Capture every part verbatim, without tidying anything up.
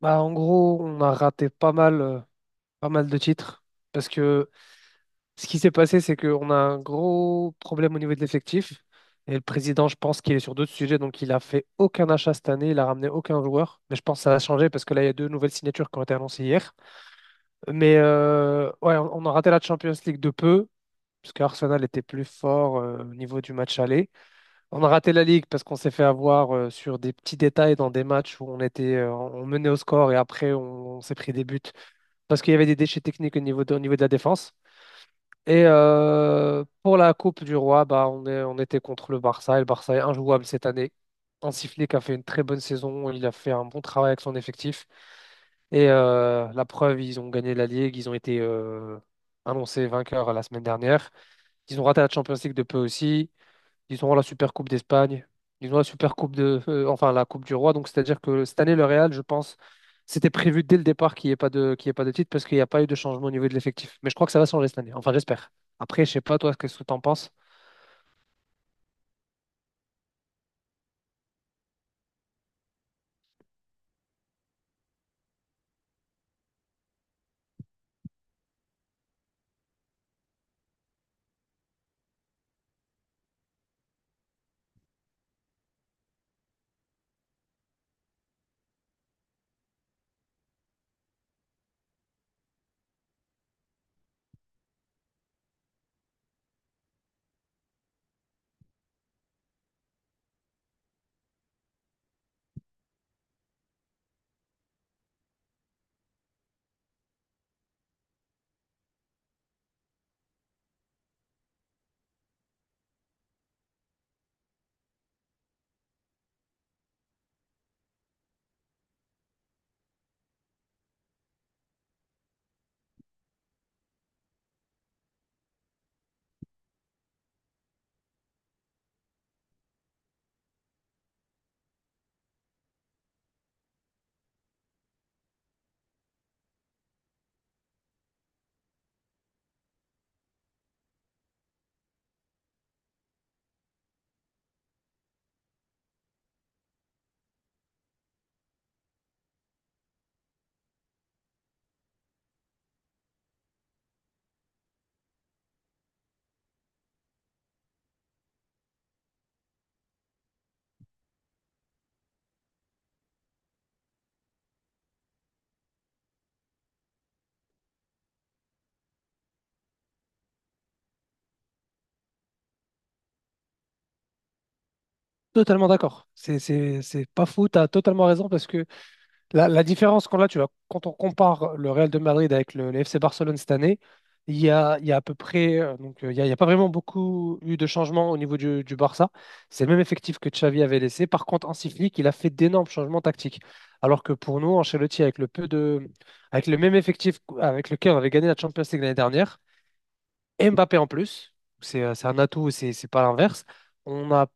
Bah, en gros, on a raté pas mal, euh, pas mal de titres parce que ce qui s'est passé, c'est qu'on a un gros problème au niveau de l'effectif. Et le président, je pense qu'il est sur d'autres sujets, donc il a fait aucun achat cette année, il a ramené aucun joueur. Mais je pense que ça a changé parce que là, il y a deux nouvelles signatures qui ont été annoncées hier. Mais euh, ouais, on, on a raté la Champions League de peu, parce qu'Arsenal était plus fort euh, au niveau du match aller. On a raté la Ligue parce qu'on s'est fait avoir euh, sur des petits détails dans des matchs où on était, euh, on menait au score et après on on s'est pris des buts parce qu'il y avait des déchets techniques au niveau de, au niveau de la défense. Et euh, pour la Coupe du Roi, bah, on est- on était contre le Barça. Et le Barça est injouable cette année. Hansi Flick a fait une très bonne saison. Il a fait un bon travail avec son effectif. Et euh, la preuve, ils ont gagné la Ligue. Ils ont été euh, annoncés vainqueurs la semaine dernière. Ils ont raté la Champions League de peu aussi. Ils ont la Super Coupe d'Espagne. Ils ont la Super Coupe de, euh, enfin la Coupe du Roi. Donc c'est-à-dire que cette année, le Real, je pense, c'était prévu dès le départ qu'il n'y ait pas de, qu'il y ait pas de titre parce qu'il n'y a pas eu de changement au niveau de l'effectif. Mais je crois que ça va changer cette année. Enfin, j'espère. Après, je sais pas toi, qu'est-ce que tu en penses? Totalement d'accord. C'est, c'est, c'est pas fou. T'as totalement raison parce que La, la différence qu'on a, tu vois, quand on compare le Real de Madrid avec le, le F C Barcelone cette année, il y a, il y a à peu près, euh, donc euh, il n'y a, il y a pas vraiment beaucoup eu de changements au niveau du, du Barça. C'est le même effectif que Xavi avait laissé. Par contre, Hansi Flick, il a fait d'énormes changements tactiques. Alors que pour nous, Ancelotti, avec le peu de, avec le même effectif avec lequel on avait gagné la Champions League l'année dernière, et Mbappé en plus, c'est euh, c'est un atout, c'est c'est pas l'inverse. On a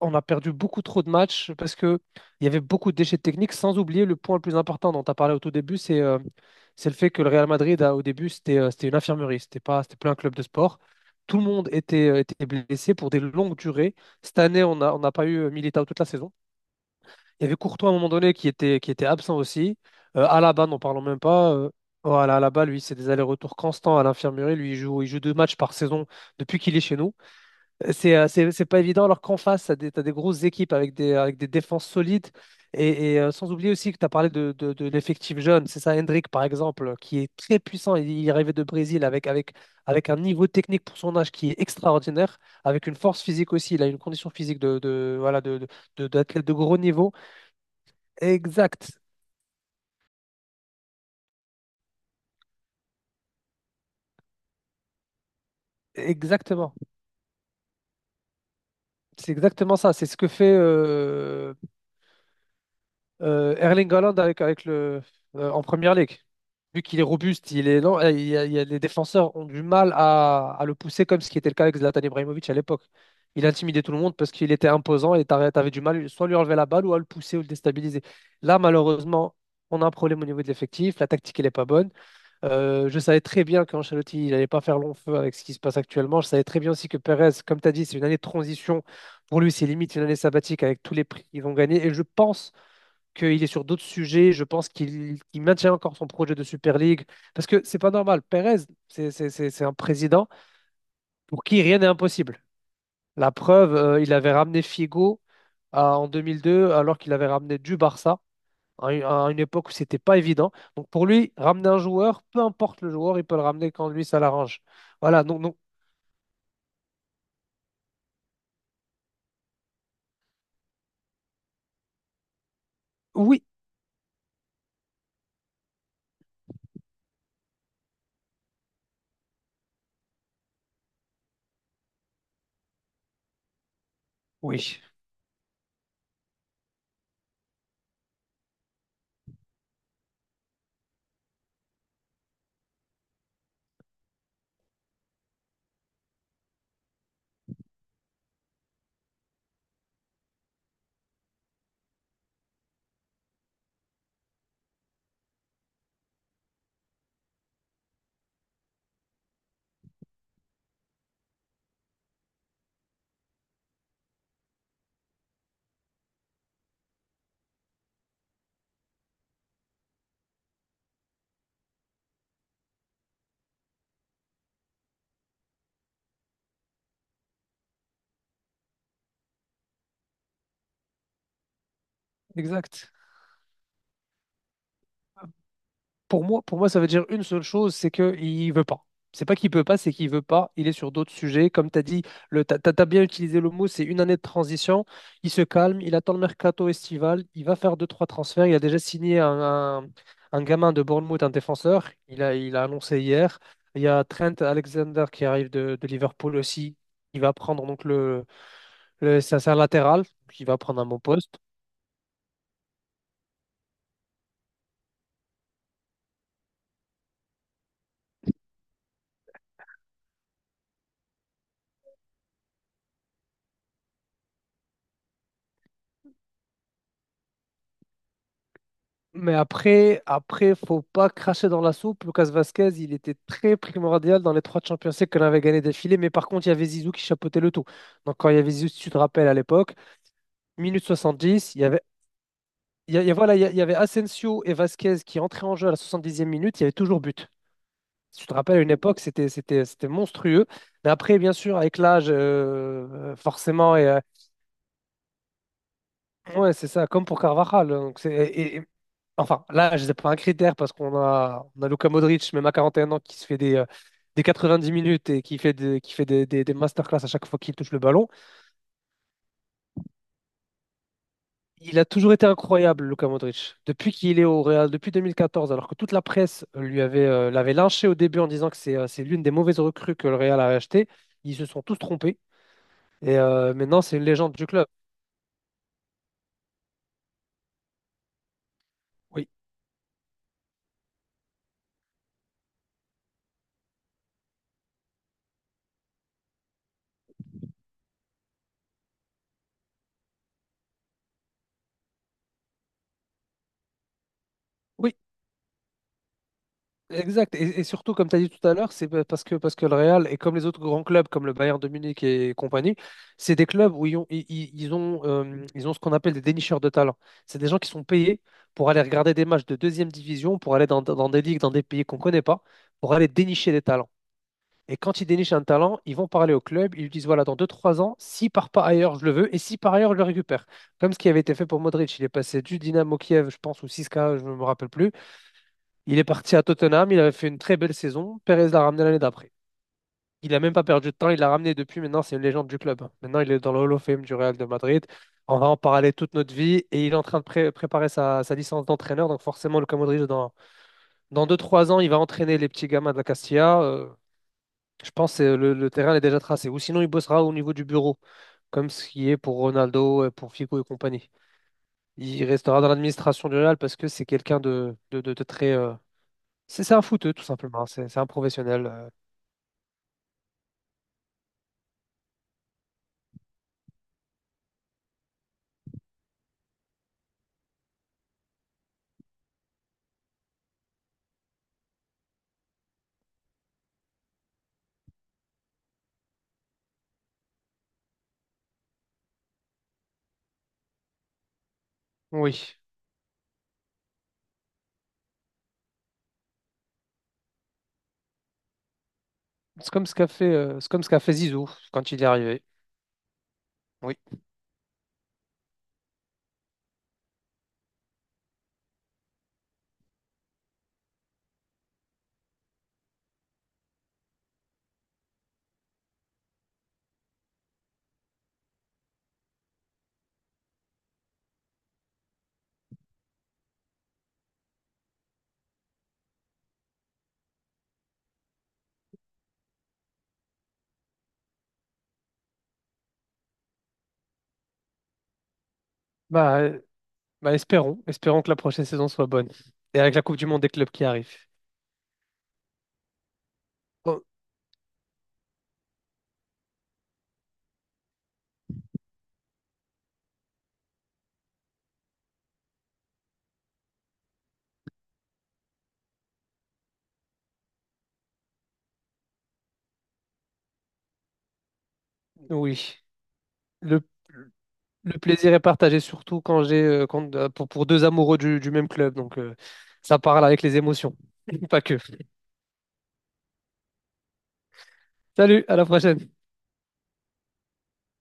on a perdu beaucoup trop de matchs parce que il y avait beaucoup de déchets techniques, sans oublier le point le plus important dont tu as parlé au tout début, c'est euh, c'est le fait que le Real Madrid, a- au début, c'était euh, c'était une infirmerie, c'était pas, c'était plus un club de sport. Tout le monde était, euh, était blessé pour des longues durées. Cette année, on a- on n'a pas eu euh, Militao toute la saison. Il y avait Courtois à un moment donné qui était, qui était absent aussi. Euh, Alaba, n'en parlons même pas. Euh, voilà, Alaba, lui, c'est des allers-retours constants à l'infirmerie. Lui, il joue, il joue deux matchs par saison depuis qu'il est chez nous. C'est euh, c'est- c'est pas évident alors qu'en face, t'as des, t'as des grosses équipes avec des, avec des défenses solides. Et, et, euh, sans oublier aussi que tu as parlé de, de- de l'effectif jeune. C'est ça, Hendrick, par exemple, qui est très puissant. Il, il est arrivé de Brésil avec, avec, avec un niveau technique pour son âge qui est extraordinaire, avec une force physique aussi. Il a une condition physique de, de, voilà, de, de, de- d'athlète de gros niveau. Exact. Exactement. C'est exactement ça. C'est ce que fait euh, Euh, Erling Haaland avec, avec le, euh, en Première Ligue. Vu qu'il est robuste, il est lent, euh, il y a- il y a- les défenseurs ont du mal à, à le pousser comme ce qui était le cas avec Zlatan Ibrahimovic à l'époque. Il intimidait tout le monde parce qu'il était imposant et t'arri- t'avais du mal soit à lui enlever la balle ou à le pousser ou le déstabiliser. Là, malheureusement, on a un problème au niveau de l'effectif. La tactique, elle n'est pas bonne. Euh, je savais très bien qu'Ancelotti, il n'allait pas faire long feu avec ce qui se passe actuellement. Je savais très bien aussi que Perez, comme tu as dit, c'est une année de transition. Pour lui, c'est limite une année sabbatique avec tous les prix qu'ils ont gagnés. Et je pense qu'il est sur d'autres sujets. Je pense qu'il qu'il maintient encore son projet de Super League. Parce que c'est pas normal. Pérez, c'est c'est- c'est- c'est un président pour qui rien n'est impossible. La preuve, euh, il avait ramené Figo à- en deux mille deux, alors qu'il avait ramené du Barça à, une à une époque où c'était pas évident. Donc pour lui, ramener un joueur, peu importe le joueur, il peut le ramener quand lui ça l'arrange. Voilà, donc, donc oui, oui, exact. Pour moi, pour moi, ça veut dire une seule chose, c'est qu'il ne veut pas. C'est pas qu'il peut pas, c'est qu'il veut pas. Il est sur d'autres sujets. Comme tu as dit, le, t'as, t'as- t'as bien utilisé le mot, c'est une année de transition. Il se calme, il attend le mercato estival, il va faire deux, trois transferts. Il a déjà signé un, un- un gamin de Bournemouth, un défenseur. Il a, il a annoncé hier. Il y a Trent Alexander qui arrive de, de Liverpool aussi. Il va prendre donc le, le- c'est un c'est un latéral, qui va prendre un bon poste. Mais après, après, faut pas cracher dans la soupe. Lucas Vasquez, il était très primordial dans les trois Champions League qu'on avait gagné d'affilée. Mais par contre, il y avait Zizou qui chapeautait le tout. Donc, quand il y avait Zizou, si tu te rappelles à l'époque, minute soixante-dix, il y avait, il y a- il y a- voilà, il y a- il y avait Asensio et Vasquez qui entraient en jeu à la soixante-dixième minute. Il y avait toujours but. Si tu te rappelles, à une époque, c'était, c'était, c'était monstrueux. Mais après, bien sûr, avec l'âge, euh, forcément, et euh, ouais, c'est ça, comme pour Carvajal. Hein. Donc c'est, et- et- enfin, là, je sais pas un critère parce qu'on a, on a Luka Modric, même à quarante et un ans, qui se fait des, euh, des dix minutes et qui fait, des, qui fait des, des, des masterclass à chaque fois qu'il touche le ballon. Il a toujours été incroyable, Luka Modric, depuis qu'il est au Real, depuis deux mille quatorze. Alors que toute la presse lui avait, euh, l'avait lynché au début en disant que c'est, euh, c'est l'une des mauvaises recrues que le Real a achetées. Ils se sont tous trompés et euh, maintenant, c'est une légende du club. Oui. Exact. Et, et surtout, comme tu as dit tout à l'heure, c'est pa- parce que, parce que le Real, et comme les autres grands clubs, comme le Bayern de Munich et compagnie, c'est des clubs où ils ont, ils, ils- ils ont, euh, ils ont ce qu'on appelle des dénicheurs de talent. C'est des gens qui sont payés pour aller regarder des matchs de deuxième division, pour aller dans, dans des ligues, dans des pays qu'on ne connaît pas, pour aller dénicher des talents. Et quand ils dénichent un talent, ils vont parler au club, ils lui disent, voilà, dans deux trois ans, s'il part pas ailleurs, je le veux, et si par ailleurs, je le récupère. Comme ce qui avait été fait pour Modric, il est passé du Dynamo Kiev, je pense, ou six je ne me rappelle plus, il est parti à Tottenham, il avait fait une très belle saison. Perez l'a ramené l'année d'après. Il n'a même pas perdu de temps, il l'a ramené depuis. Maintenant, c'est une légende du club. Maintenant, il est dans le Hall of Fame du Real de Madrid. On va en parler toute notre vie. Et il est en train de pré- préparer sa, sa licence d'entraîneur. Donc, forcément, Luka Modric, dans, dans deux trois ans, il va entraîner les petits gamins de la Castilla. Euh, je pense que le, le terrain est déjà tracé. Ou sinon, il bossera au niveau du bureau, comme ce qui est pour Ronaldo, euh, pour Figo et compagnie. Il restera dans l'administration du Real parce que c'est quelqu'un de, de, de- de très, euh, c'est c'est un footeux, tout simplement. C'est c'est un professionnel. euh. Oui. C'est comme ce qu'a fait, euh, c'est comme ce qu'a fait Zizou quand il est arrivé. Oui. Bah, euh, Bah espérons. Espérons que la prochaine saison soit bonne. Et avec la Coupe du Monde des clubs qui arrive. Oh, oui. Le, le plaisir est partagé, surtout quand j'ai euh, quand- euh, pour, pour deux amoureux du, du même club. Donc, euh, ça parle avec les émotions. Pas que. Salut, à la prochaine.